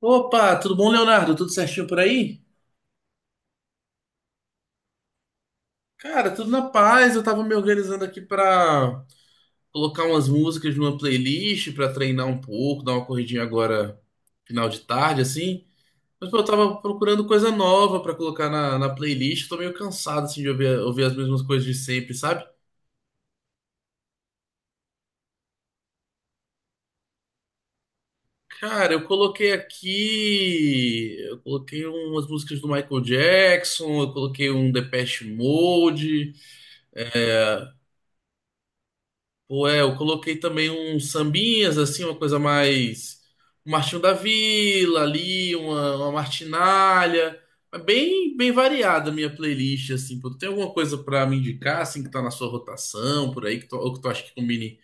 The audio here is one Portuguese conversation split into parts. Opa, tudo bom, Leonardo? Tudo certinho por aí? Cara, tudo na paz. Eu tava me organizando aqui pra colocar umas músicas numa playlist pra treinar um pouco, dar uma corridinha agora final de tarde, assim. Mas pô, eu tava procurando coisa nova pra colocar na playlist. Tô meio cansado assim de ouvir, ouvir as mesmas coisas de sempre, sabe? Cara, eu coloquei aqui, eu coloquei umas músicas do Michael Jackson, eu coloquei um Depeche Mode. Pô, é, eu coloquei também uns sambinhas, assim, uma coisa mais. Um Martinho da Vila ali, uma Martinália. É bem, bem variada a minha playlist, assim, pô. Tem alguma coisa pra me indicar, assim, que tá na sua rotação, por aí, ou que tu acha que combine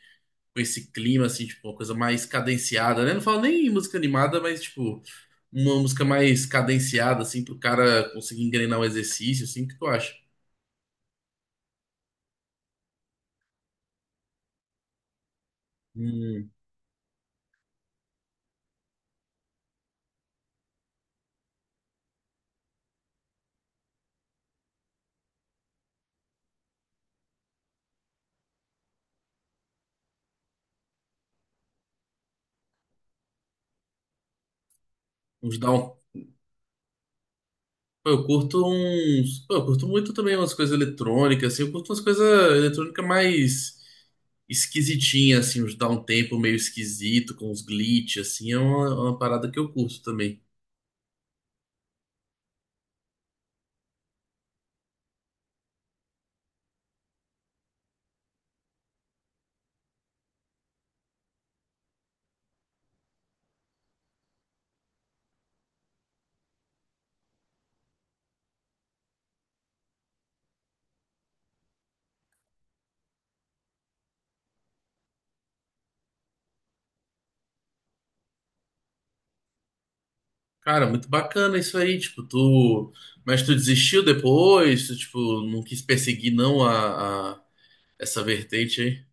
com esse clima, assim, tipo, uma coisa mais cadenciada, né? Não falo nem em música animada, mas, tipo, uma música mais cadenciada, assim, pro cara conseguir engrenar um exercício, assim, o que tu acha? Um, uns down. Pô, eu curto uns. Pô, eu curto muito também umas coisas eletrônicas, assim. Eu curto umas coisas eletrônicas mais esquisitinhas, assim, uns downtempo meio esquisito, com uns glitch, assim. É uma parada que eu curto também. Cara, muito bacana isso aí, tipo, tu. Mas tu desistiu depois? Tu, tipo, não quis perseguir, não, essa vertente aí?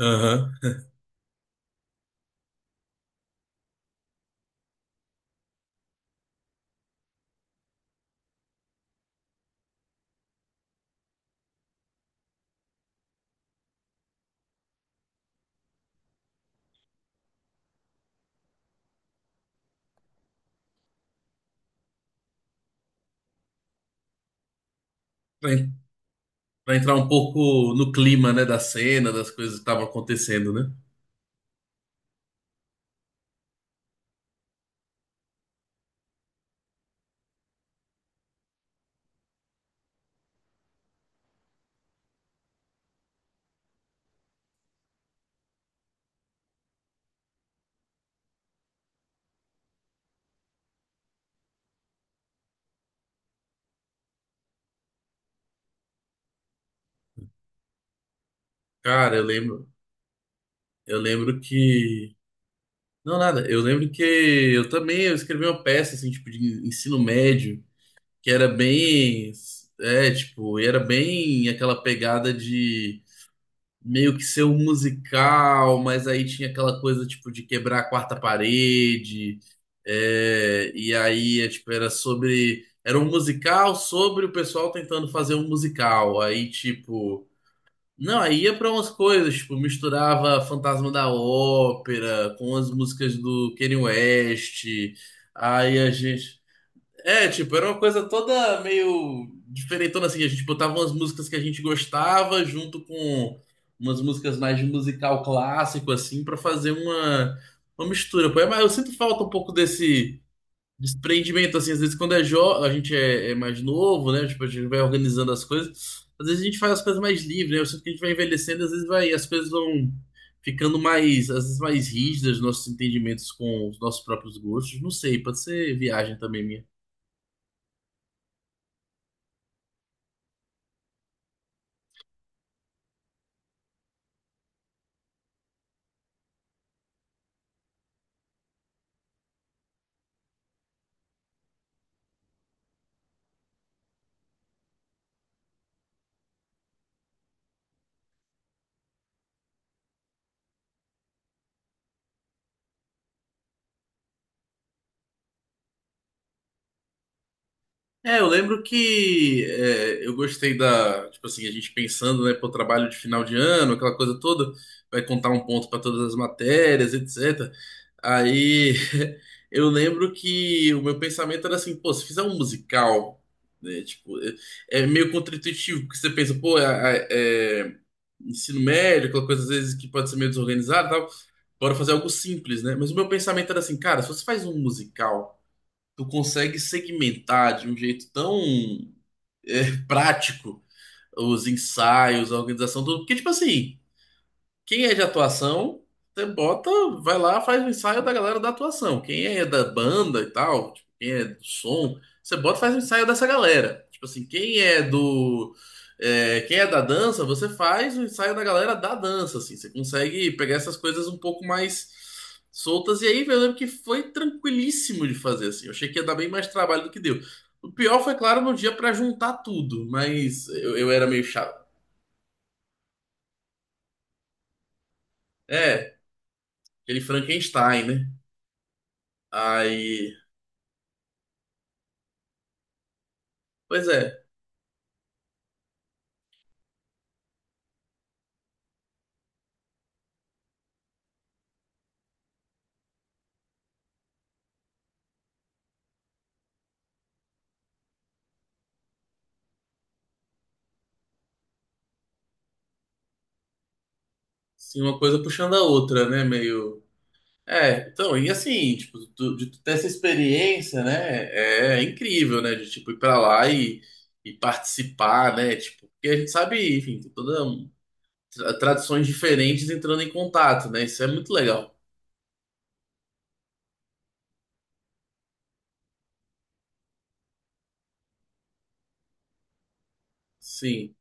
Aham. Pra, en- pra entrar um pouco no clima, né, da cena, das coisas que estavam acontecendo, né? Cara, eu lembro. Eu lembro que. Não, nada. Eu lembro que eu também eu escrevi uma peça assim, tipo, de ensino médio, que era bem, tipo, e era bem aquela pegada de meio que ser um musical, mas aí tinha aquela coisa tipo de quebrar a quarta parede. E aí, tipo, era sobre, era um musical sobre o pessoal tentando fazer um musical. Aí, tipo, não, aí ia pra umas coisas, tipo, misturava Fantasma da Ópera com as músicas do Kanye West. Aí a gente. É, tipo, era uma coisa toda meio diferentona assim. A gente botava umas músicas que a gente gostava junto com umas músicas mais de musical clássico, assim, pra fazer uma mistura. Pô, mas eu sinto falta um pouco desse desprendimento, assim, às vezes quando é jovem, a gente é mais novo, né? Tipo, a gente vai organizando as coisas. Às vezes a gente faz as coisas mais livre, né? Eu sinto que a gente vai envelhecendo, às vezes vai, as coisas vão ficando mais, às vezes mais rígidas, nossos entendimentos com os nossos próprios gostos. Não sei, pode ser viagem também minha. É, eu lembro que eu gostei da, tipo assim, a gente pensando, né, pro trabalho de final de ano, aquela coisa toda, vai contar um ponto para todas as matérias, etc. Aí eu lembro que o meu pensamento era assim, pô, se fizer um musical, né, tipo, é meio contraintuitivo, porque você pensa, pô, é ensino médio, aquela coisa às vezes que pode ser meio desorganizada, e tal, bora fazer algo simples, né? Mas o meu pensamento era assim, cara, se você faz um musical tu consegue segmentar de um jeito tão prático os ensaios, a organização, tudo. Porque, tipo assim. Quem é de atuação, você bota, vai lá, faz o ensaio da galera da atuação. Quem é da banda e tal, tipo, quem é do som, você bota, faz o ensaio dessa galera. Tipo assim, quem é do. Quem é da dança, você faz o ensaio da galera da dança, assim. Você consegue pegar essas coisas um pouco mais soltas. E aí, eu lembro que foi tranquilíssimo de fazer, assim. Eu achei que ia dar bem mais trabalho do que deu. O pior foi, claro, no dia pra juntar tudo, mas eu era meio chato. É, aquele Frankenstein, né? Aí, pois é, assim, uma coisa puxando a outra, né? Meio. É, então, e assim, tipo, de tu ter essa experiência, né? É incrível, né? De tipo ir pra lá e participar, né? Tipo, porque a gente sabe, enfim, tem toda tradições diferentes entrando em contato, né? Isso é muito legal. Sim.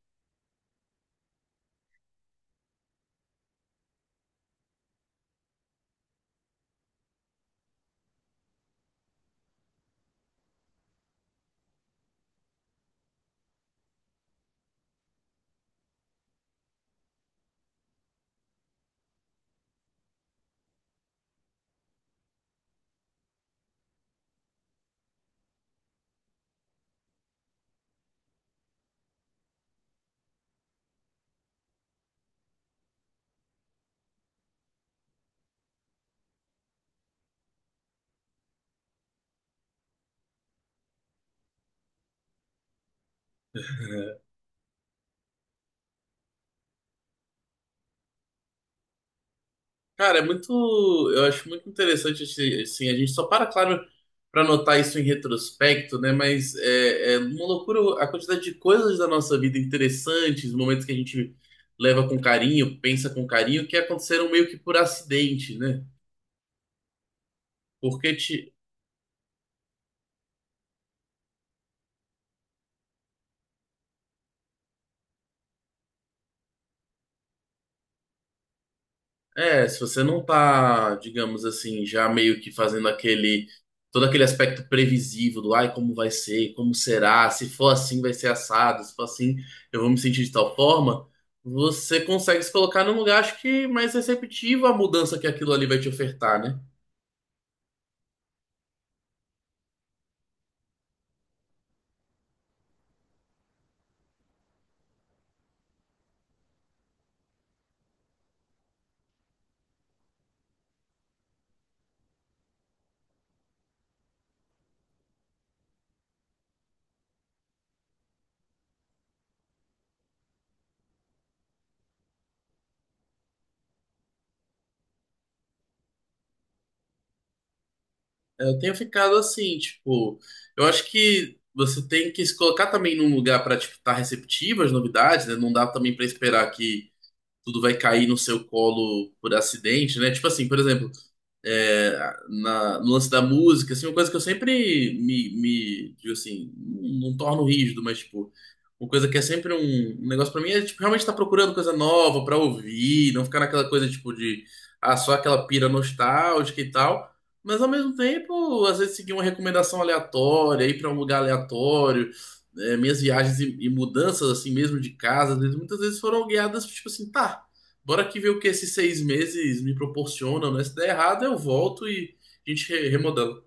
Cara, é muito. Eu acho muito interessante, assim, a gente só para, claro, para notar isso em retrospecto, né? Mas é, é uma loucura a quantidade de coisas da nossa vida interessantes, momentos que a gente leva com carinho, pensa com carinho, que aconteceram meio que por acidente, né? Porque, ti- É, se você não tá, digamos assim, já meio que fazendo todo aquele aspecto previsível do, ai, como vai ser, como será, se for assim vai ser assado, se for assim eu vou me sentir de tal forma, você consegue se colocar num lugar, acho que mais receptivo à mudança que aquilo ali vai te ofertar, né? Eu tenho ficado assim, tipo, eu acho que você tem que se colocar também num lugar para tipo, estar receptivo às novidades, né? Não dá também para esperar que tudo vai cair no seu colo por acidente, né? Tipo assim, por exemplo, é, no lance da música, assim, uma coisa que eu sempre me digo assim, não, não torno rígido, mas tipo, uma coisa que é sempre um negócio pra mim é tipo, realmente estar procurando coisa nova pra ouvir, não ficar naquela coisa tipo de ah, só aquela pira nostálgica e tal. Mas ao mesmo tempo, às vezes seguir uma recomendação aleatória, ir pra um lugar aleatório, minhas viagens e mudanças assim mesmo de casa, muitas vezes foram guiadas tipo assim, tá. Bora aqui ver o que esses 6 meses me proporcionam, né? Se der errado, eu volto e a gente remodela.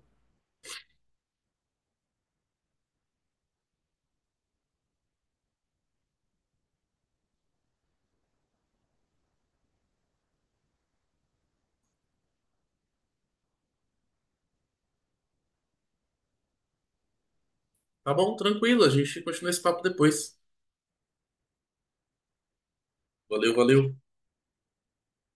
Tá bom, tranquilo, a gente continua esse papo depois. Valeu, valeu.